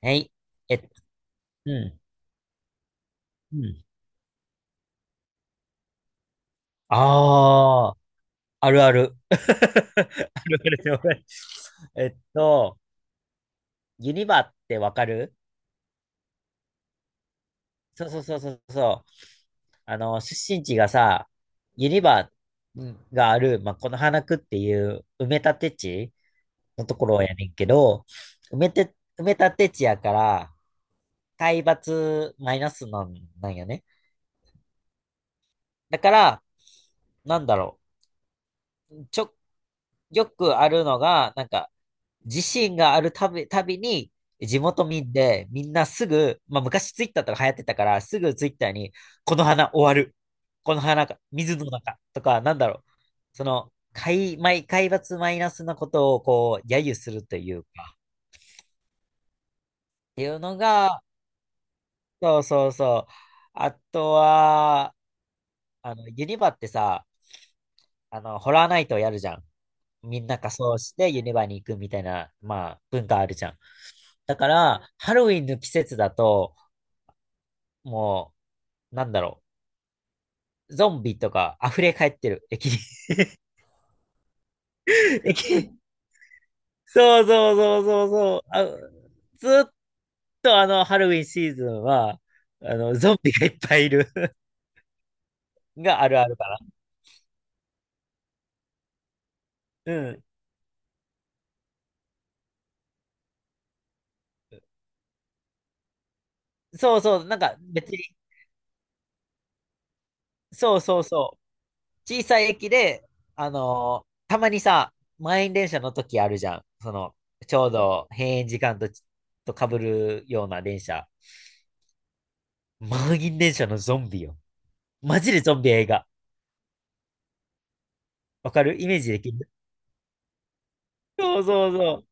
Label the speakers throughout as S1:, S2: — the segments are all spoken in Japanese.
S1: はい。えっと、うん。うん。ああ、あるある。あるあるでもないえっと、ユニバってわかる？そうそうそうそうそう。あの、出身地がさ、ユニバがある、まあ、この花区っていう埋め立て地のところやねんけど、埋め立て地やから、海抜マイナスなん、なんよね。だから、なんだろう。ちょ、よくあるのが、なんか、自身があるたび、たびに、地元民で、みんなすぐ、まあ昔ツイッターとか流行ってたから、すぐツイッターに、この花終わる。この花が、水の中とか、なんだろう。その、海抜マイナスなことを、こう、揶揄するというか、っていうのが、そうそうそう。あとは、あの、ユニバってさ、あの、ホラーナイトをやるじゃん。みんな仮装してユニバに行くみたいな、まあ、文化あるじゃん。だから、ハロウィンの季節だと、もう、なんだろう、ゾンビとか溢れ返ってる、駅に。駅に。そうそうそうそうそう。あ、ずっとあの、ハロウィンシーズンは、あの、ゾンビがいっぱいいる があるあるかな。うん。そうそう、なんか別に、そうそうそう。小さい駅で、あのーたまにさ、満員電車の時あるじゃん。その、ちょうど閉園時間とち、と被るような電車。満員電車のゾンビよ。マジでゾンビ映画。わかる？イメージできる？そうそうそう。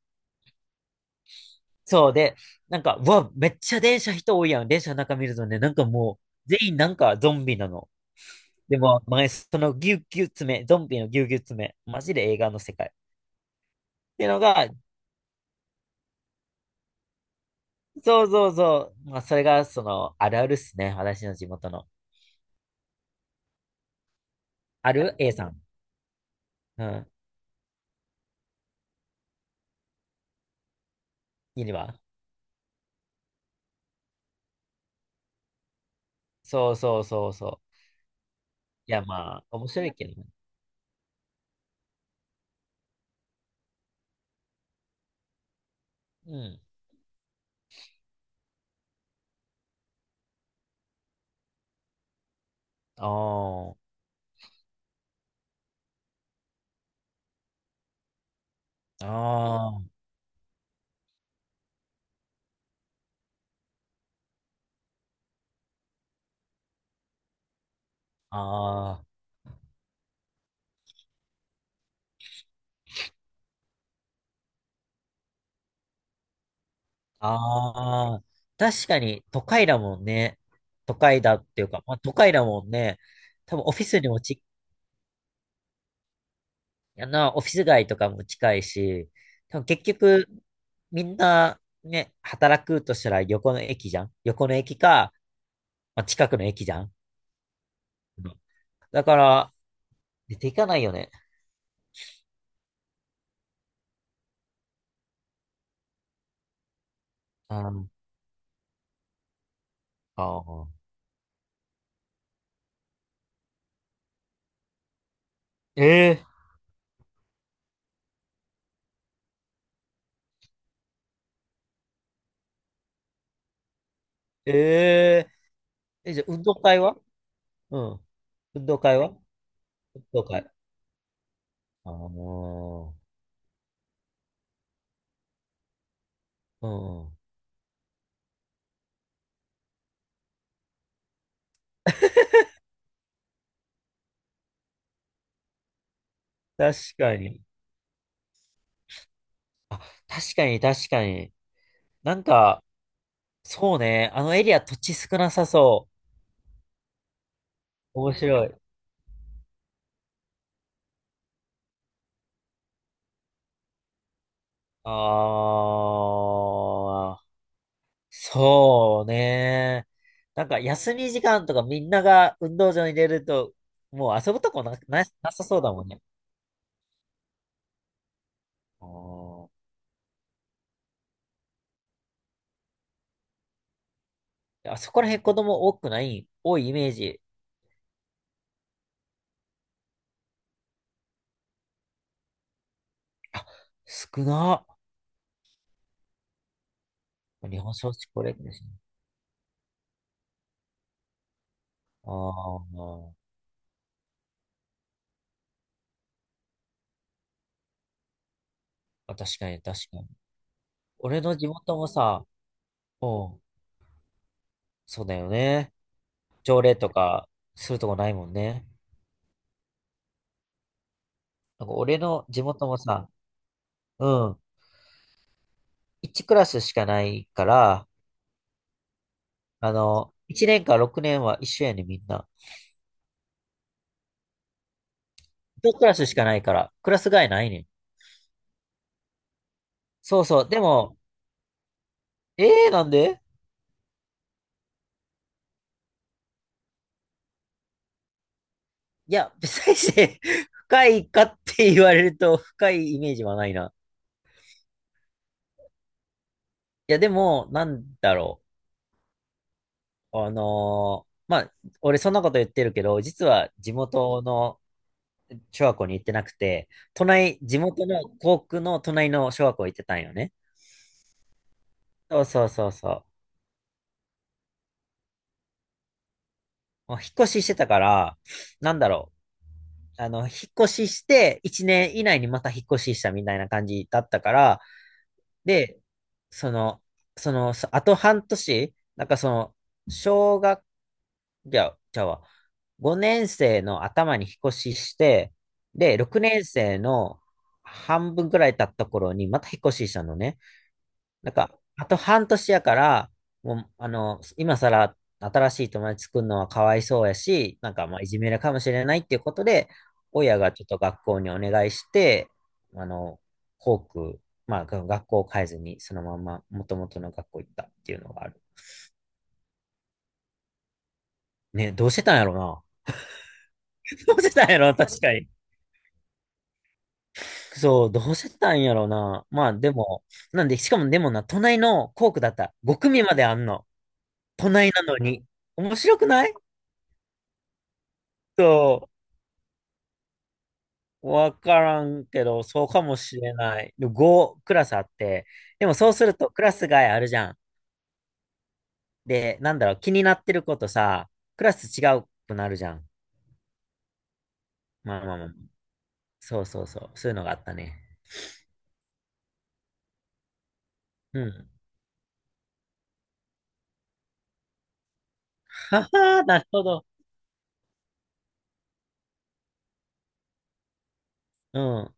S1: そうで、なんか、うわ、めっちゃ電車人多いやん。電車の中見るとね、なんかもう、全員なんかゾンビなの。でも、そのギュうギュう詰め、ゾンビのギュうギュう詰め、マジで映画の世界。っていうのが、そうそうそう。まあ、それが、その、あるあるっすね。私の地元の。ある？ A さん。うん。いるわ。そうそうそうそう。いや、まあ、面白いけどね。うん。ああ、ああ、ああ、確かに、都会だもんね。都会だっていうか、まあ、都会だもんね。多分、オフィスにもち、あの、オフィス街とかも近いし、多分、結局、みんな、ね、働くとしたら横の駅じゃん。横の駅か、まあ、近くの駅じゃん。うんだから、出ていかないよね。なんか、えー、えじゃあ運動会は？うん。運動会は運動会。あのー、うん。確かに。あ、確かに。なんか、そうね。あのエリア土地少なさそう。面白い。あー。そうね。なんか休み時間とかみんなが運動場に出ると、もう遊ぶとこな、な、なさそうだもんね。あーあそこら辺子供多くない、多いイメージ。あ、少な。日本少子高齢化ですね。あーあ、確かに。俺の地元もさ、うん、そうだよね。条例とかするとこないもんね。なんか俺の地元もさ、うん、1クラスしかないから、あの、1年か6年は一緒やねん、みんな。一クラスしかないから、クラス替えないねん。そうそう。でも、ええー、なんで？いや、別にして 深いかって言われると深いイメージはないな。いや、でも、なんだろう。あのーまあ、俺そんなこと言ってるけど、実は地元の小学校に行ってなくて、隣、地元の校区の隣の小学校行ってたんよね。そうそうそうそう。まあ引っ越ししてたから、なんだろう。あの、引っ越しして、1年以内にまた引っ越ししたみたいな感じだったから、で、その、そあと半年、なんかその、小学、じゃ、ちゃあ、5年生の頭に引っ越しして、で、6年生の半分くらい経った頃にまた引っ越ししたのね。なんか、あと半年やから、もう、あの、今更新しい友達作るのはかわいそうやし、なんか、まあ、いじめるかもしれないっていうことで、親がちょっと学校にお願いして、あの、校区、まあ、が学校を変えずに、そのまま元々の学校行ったっていうのがある。ね、どうしてたんやろな。どうしてたんやろ、確かに。そう、どうしてたんやろな。まあ、でも、なんで、しかもでもな、隣の校区だった。5組まであんの。隣なのに。面白くない？そうわからんけど、そうかもしれない。で、5クラスあって、でもそうするとクラス外あるじゃん。で、なんだろう、気になってることさ、クラス違うくなるじゃん。まあまあまあ。そうそうそう。そういうのがあったね。うん。はは、なるほど。うん。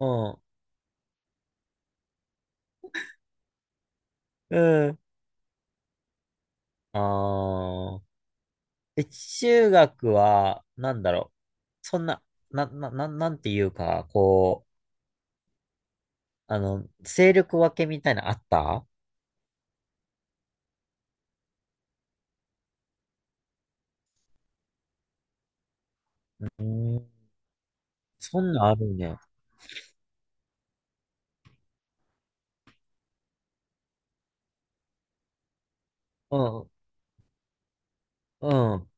S1: うん。うん。ああ。え、中学は、なんだろう。そんな、なんていうか、こう、あの、勢力分けみたいなのあった？うん。そんなんあるね。うん、うん。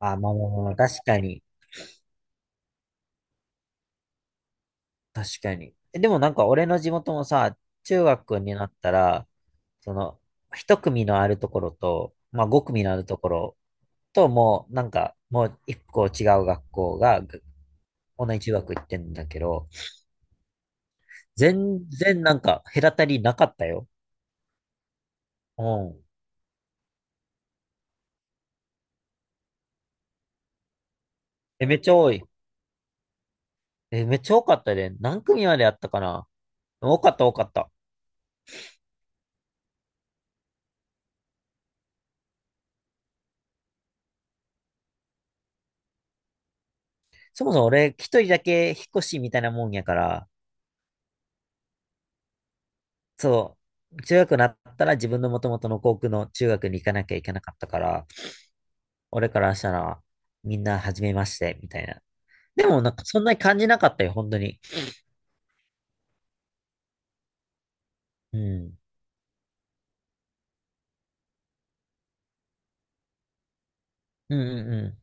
S1: あ、まあまあまあ、確かに。え、でもなんか俺の地元もさ、中学になったら、その、一組のあるところと、まあ五組のあるところと、もうなんか、もう一個違う学校が、ぐ同じ中学行ってんだけど、全然なんか隔たりなかったよ。うん。え、めっちゃ多い。え、めっちゃ多かったで、何組まであったかな？多かった。そもそも俺一人だけ引っ越しみたいなもんやから、そう、中学になったら自分の元々の校区の中学に行かなきゃいけなかったから、俺からしたらみんな初めまして、みたいな。でもなんかそんなに感じなかったよ、本当に。うん。うんうんうん。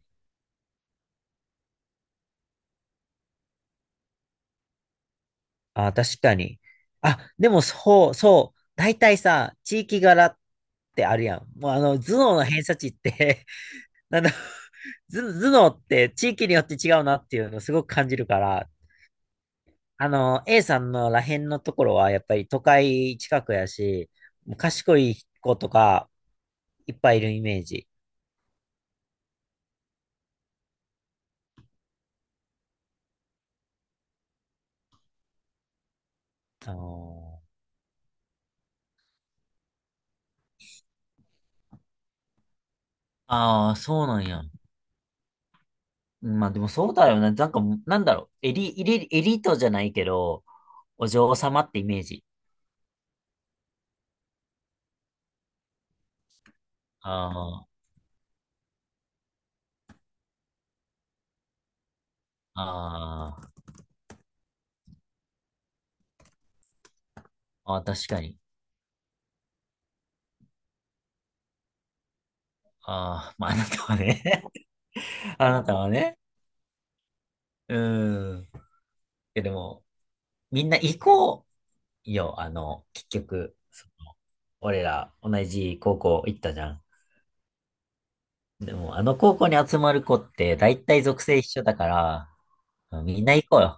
S1: あ、確かに。あ、でもそうそう。大体さ、地域柄ってあるやん。もうあの、頭脳の偏差値って なんだ、頭脳って地域によって違うなっていうのをすごく感じるから、あの、A さんのらへんのところは、やっぱり都会近くやし、もう賢い子とかいっぱいいるイメージ。あのああ、そうなんや。まあでもそうだよね。なんか、なんだろう。エリートじゃないけど、お嬢様ってイメージ。ああ、あー、確かに。ああ、まああなたはね。あなたはね。うん。え、でも、みんな行こうよ。あの、結局、そ俺ら同じ高校行ったじゃん。でも、あの高校に集まる子って、だいたい属性一緒だから、みんな行こうよ。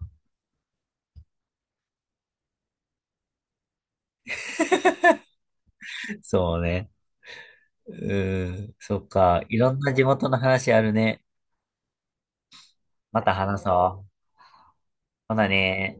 S1: そうね。うーん、そっか。いろんな地元の話あるね。また話そう。ほなね